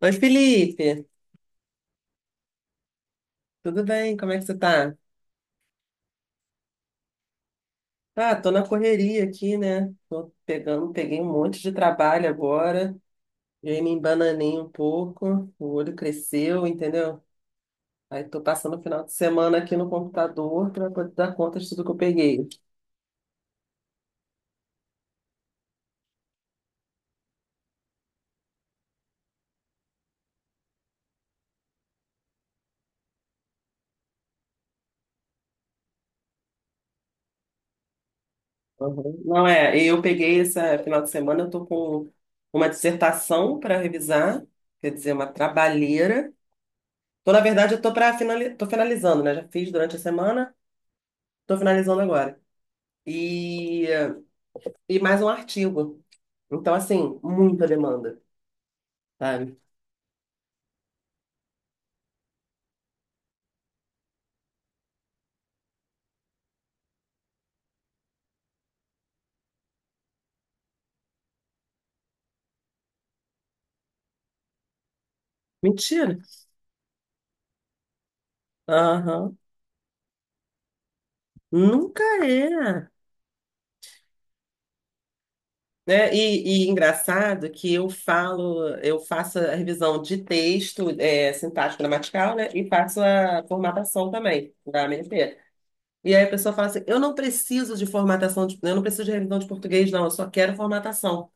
Oi, Felipe, tudo bem? Como é que você tá? Ah, tô na correria aqui, né? Tô pegando, peguei um monte de trabalho agora, e aí me embananei um pouco, o olho cresceu, entendeu? Aí tô passando o final de semana aqui no computador para poder dar conta de tudo que eu peguei. Uhum. Não é, eu peguei esse final de semana, eu tô com uma dissertação para revisar, quer dizer, uma trabalheira. Tô, na verdade, eu tô tô finalizando, né? Já fiz durante a semana, tô finalizando agora. E e mais um artigo. Então, assim, muita demanda, sabe? Mentira. Aham. Nunca é. Né? E engraçado que eu falo, eu faço a revisão de texto, sintático gramatical, né? E faço a formatação também, da AMP. E aí a pessoa fala assim, eu não preciso de formatação, eu não preciso de revisão de português, não, eu só quero formatação.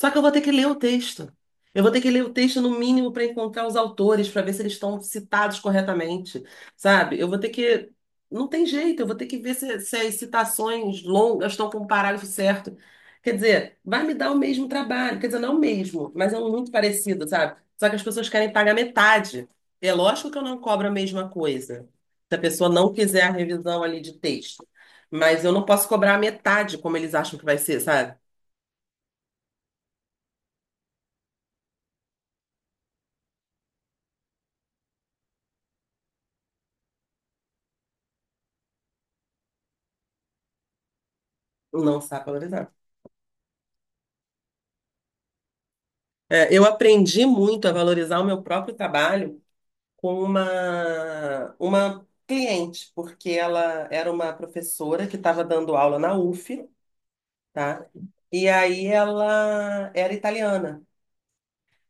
Só que eu vou ter que ler o texto. Eu vou ter que ler o texto no mínimo para encontrar os autores, para ver se eles estão citados corretamente, sabe? Eu vou ter que. Não tem jeito, eu vou ter que ver se as citações longas estão com o parágrafo certo. Quer dizer, vai me dar o mesmo trabalho. Quer dizer, não o mesmo, mas é um muito parecido, sabe? Só que as pessoas querem pagar metade. É lógico que eu não cobro a mesma coisa. Se a pessoa não quiser a revisão ali de texto. Mas eu não posso cobrar a metade como eles acham que vai ser, sabe? Não sabe valorizar. É, eu aprendi muito a valorizar o meu próprio trabalho com uma cliente, porque ela era uma professora que estava dando aula na UF, tá? E aí ela era italiana.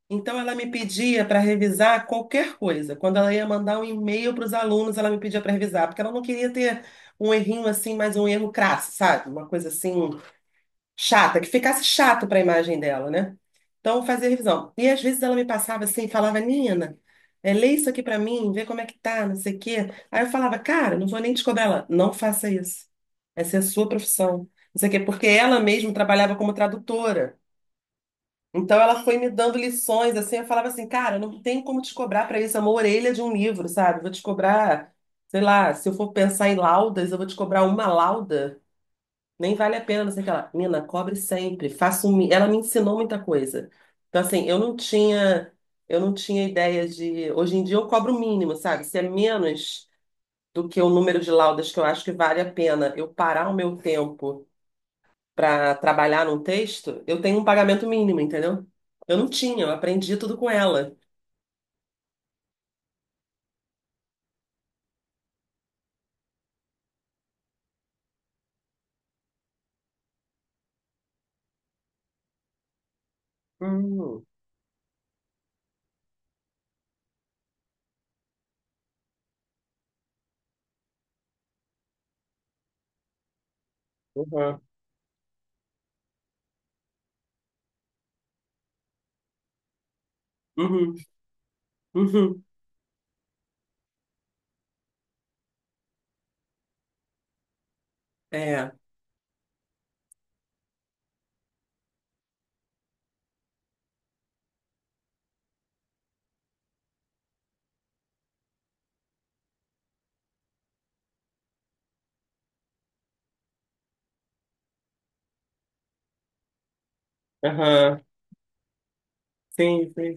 Então ela me pedia para revisar qualquer coisa. Quando ela ia mandar um e-mail para os alunos, ela me pedia para revisar, porque ela não queria ter um errinho assim, mas um erro crasso, sabe? Uma coisa assim chata, que ficasse chato para a imagem dela, né? Então, eu fazia revisão. E às vezes ela me passava assim, falava, Nina, lê isso aqui para mim, vê como é que tá, não sei o quê. Aí eu falava, cara, não vou nem te cobrar ela, não faça isso. Essa é a sua profissão. Não sei o quê, porque ela mesma trabalhava como tradutora. Então ela foi me dando lições, assim, eu falava assim, cara, eu não tenho como te cobrar para isso, é uma orelha de um livro, sabe? Vou te cobrar, sei lá, se eu for pensar em laudas, eu vou te cobrar uma lauda nem vale a pena, não sei o que lá. Mina, cobre sempre. Ela me ensinou muita coisa. Então, assim, eu não tinha ideia de. Hoje em dia eu cobro o mínimo, sabe? Se é menos do que o número de laudas que eu acho que vale a pena eu parar o meu tempo para trabalhar num texto, eu tenho um pagamento mínimo, entendeu? Eu não tinha, eu aprendi tudo com ela. Hum, uhum, uhum, uhum. É. Aham. Sim, sim.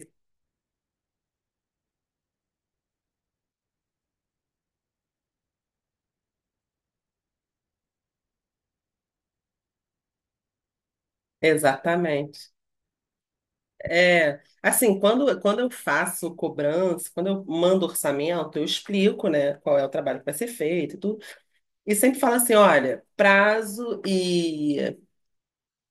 Exatamente. É, assim, quando eu faço cobrança, quando eu mando orçamento, eu explico, né, qual é o trabalho que vai ser feito e tudo. E sempre falo assim, olha, prazo e,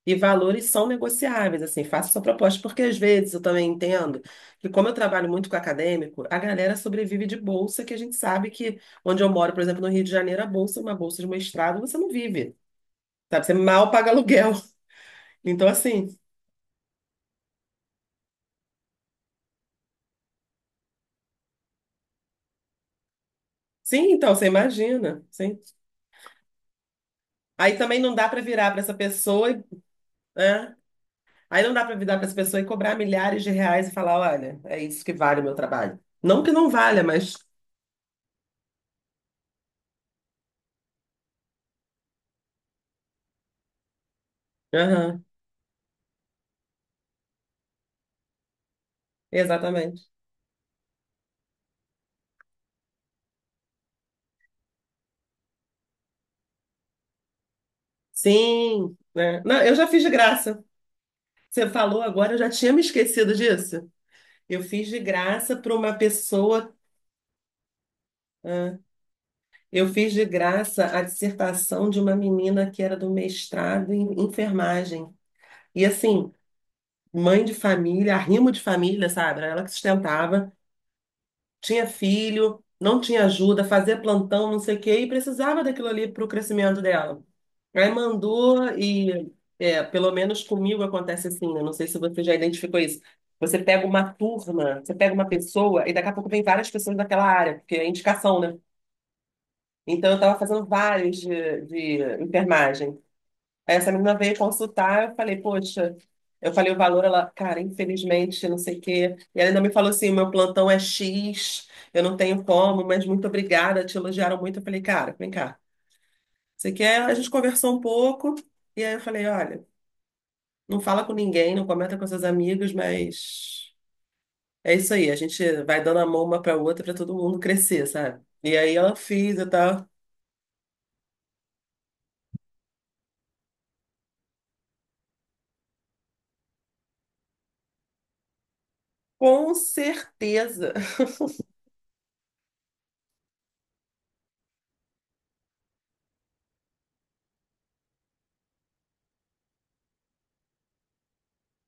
e valores são negociáveis, assim, faça sua proposta, porque às vezes eu também entendo que como eu trabalho muito com acadêmico, a galera sobrevive de bolsa, que a gente sabe que onde eu moro, por exemplo, no Rio de Janeiro, a bolsa, é uma bolsa de mestrado, você não vive, sabe? Você mal paga aluguel. Então, assim, sim, então, você imagina, sim. Aí também não dá para virar para essa pessoa, né? Aí não dá para virar para essa pessoa e cobrar milhares de reais e falar, olha, é isso que vale o meu trabalho. Não que não valha, mas aham, exatamente. Sim, né? Não, eu já fiz de graça. Você falou agora, eu já tinha me esquecido disso. Eu fiz de graça para uma pessoa, né? Eu fiz de graça a dissertação de uma menina que era do mestrado em enfermagem. E assim, mãe de família, arrimo de família, sabe? Era ela que sustentava. Tinha filho, não tinha ajuda, fazia plantão, não sei o quê, e precisava daquilo ali para o crescimento dela. Aí mandou e, é, pelo menos comigo acontece assim, né? Não sei se você já identificou isso. Você pega uma turma, você pega uma pessoa e daqui a pouco vem várias pessoas daquela área, porque é indicação, né? Então eu estava fazendo vários de enfermagem. Aí essa menina veio consultar, eu falei, poxa, eu falei o valor, ela, cara, infelizmente, não sei o quê. E ela ainda me falou assim, o meu plantão é X, eu não tenho como, mas muito obrigada, te elogiaram muito. Eu falei, cara, vem cá, você quer? A gente conversou um pouco, e aí eu falei, olha, não fala com ninguém, não comenta com seus amigos, mas é isso aí, a gente vai dando a mão uma pra outra pra todo mundo crescer, sabe? E aí ela fez e tal. Com certeza.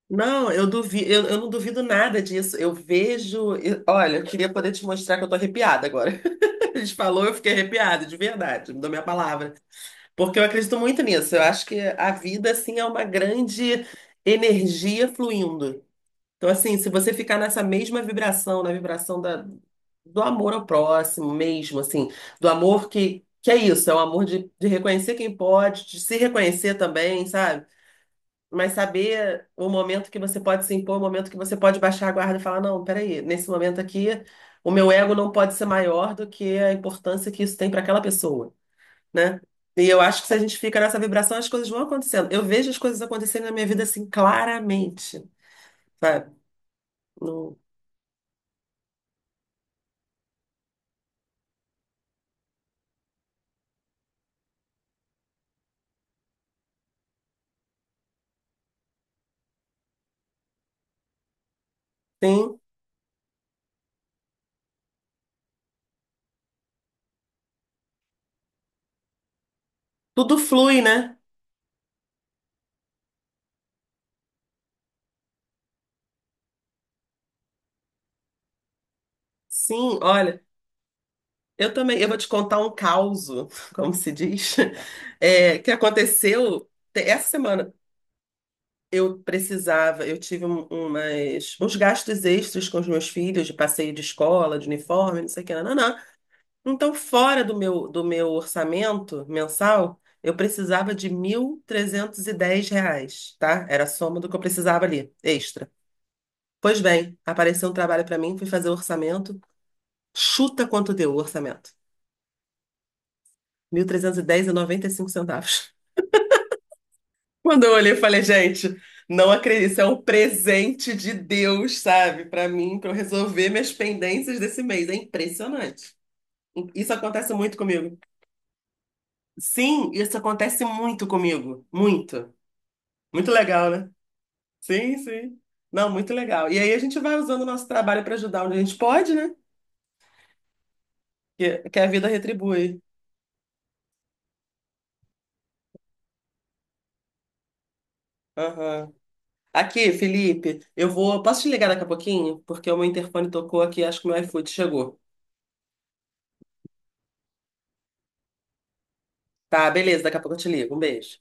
Não, eu duvido, eu não duvido nada disso. Olha, eu queria poder te mostrar que eu tô arrepiada agora. A gente falou, eu fiquei arrepiada, de verdade, não dou minha palavra. Porque eu acredito muito nisso. Eu acho que a vida, assim, é uma grande energia fluindo. Então, assim, se você ficar nessa mesma vibração, na vibração da, do amor ao próximo mesmo, assim, do amor que é isso, é o amor de reconhecer quem pode, de se reconhecer também, sabe? Mas saber o momento que você pode se impor, o momento que você pode baixar a guarda e falar, não, peraí, nesse momento aqui, o meu ego não pode ser maior do que a importância que isso tem para aquela pessoa, né? E eu acho que se a gente fica nessa vibração, as coisas vão acontecendo. Eu vejo as coisas acontecendo na minha vida assim claramente, sabe? Não tem, tudo flui, né? Sim, olha, eu também, eu vou te contar um causo, como se diz, que aconteceu essa semana. Eu precisava, eu tive uns gastos extras com os meus filhos, de passeio de escola, de uniforme, não sei o que, não, não. Então, fora do meu orçamento mensal, eu precisava de R$ 1.310, tá? Era a soma do que eu precisava ali, extra. Pois bem, apareceu um trabalho para mim, fui fazer o orçamento. Chuta quanto deu o orçamento? Mil trezentos e dez noventa e cinco centavos. Quando eu olhei, eu falei, gente, não acredito, isso é um presente de Deus, sabe, pra mim, pra eu resolver minhas pendências desse mês. É impressionante. Isso acontece muito comigo. Sim, isso acontece muito comigo. Muito. Muito legal, né? Sim, sim. Não, muito legal. E aí a gente vai usando o nosso trabalho para ajudar onde a gente pode, né? Que a vida retribui. Aham. Aqui, Felipe, eu vou. Posso te ligar daqui a pouquinho? Porque o meu interfone tocou aqui, acho que o meu iFood chegou. Tá, beleza, daqui a pouco eu te ligo. Um beijo.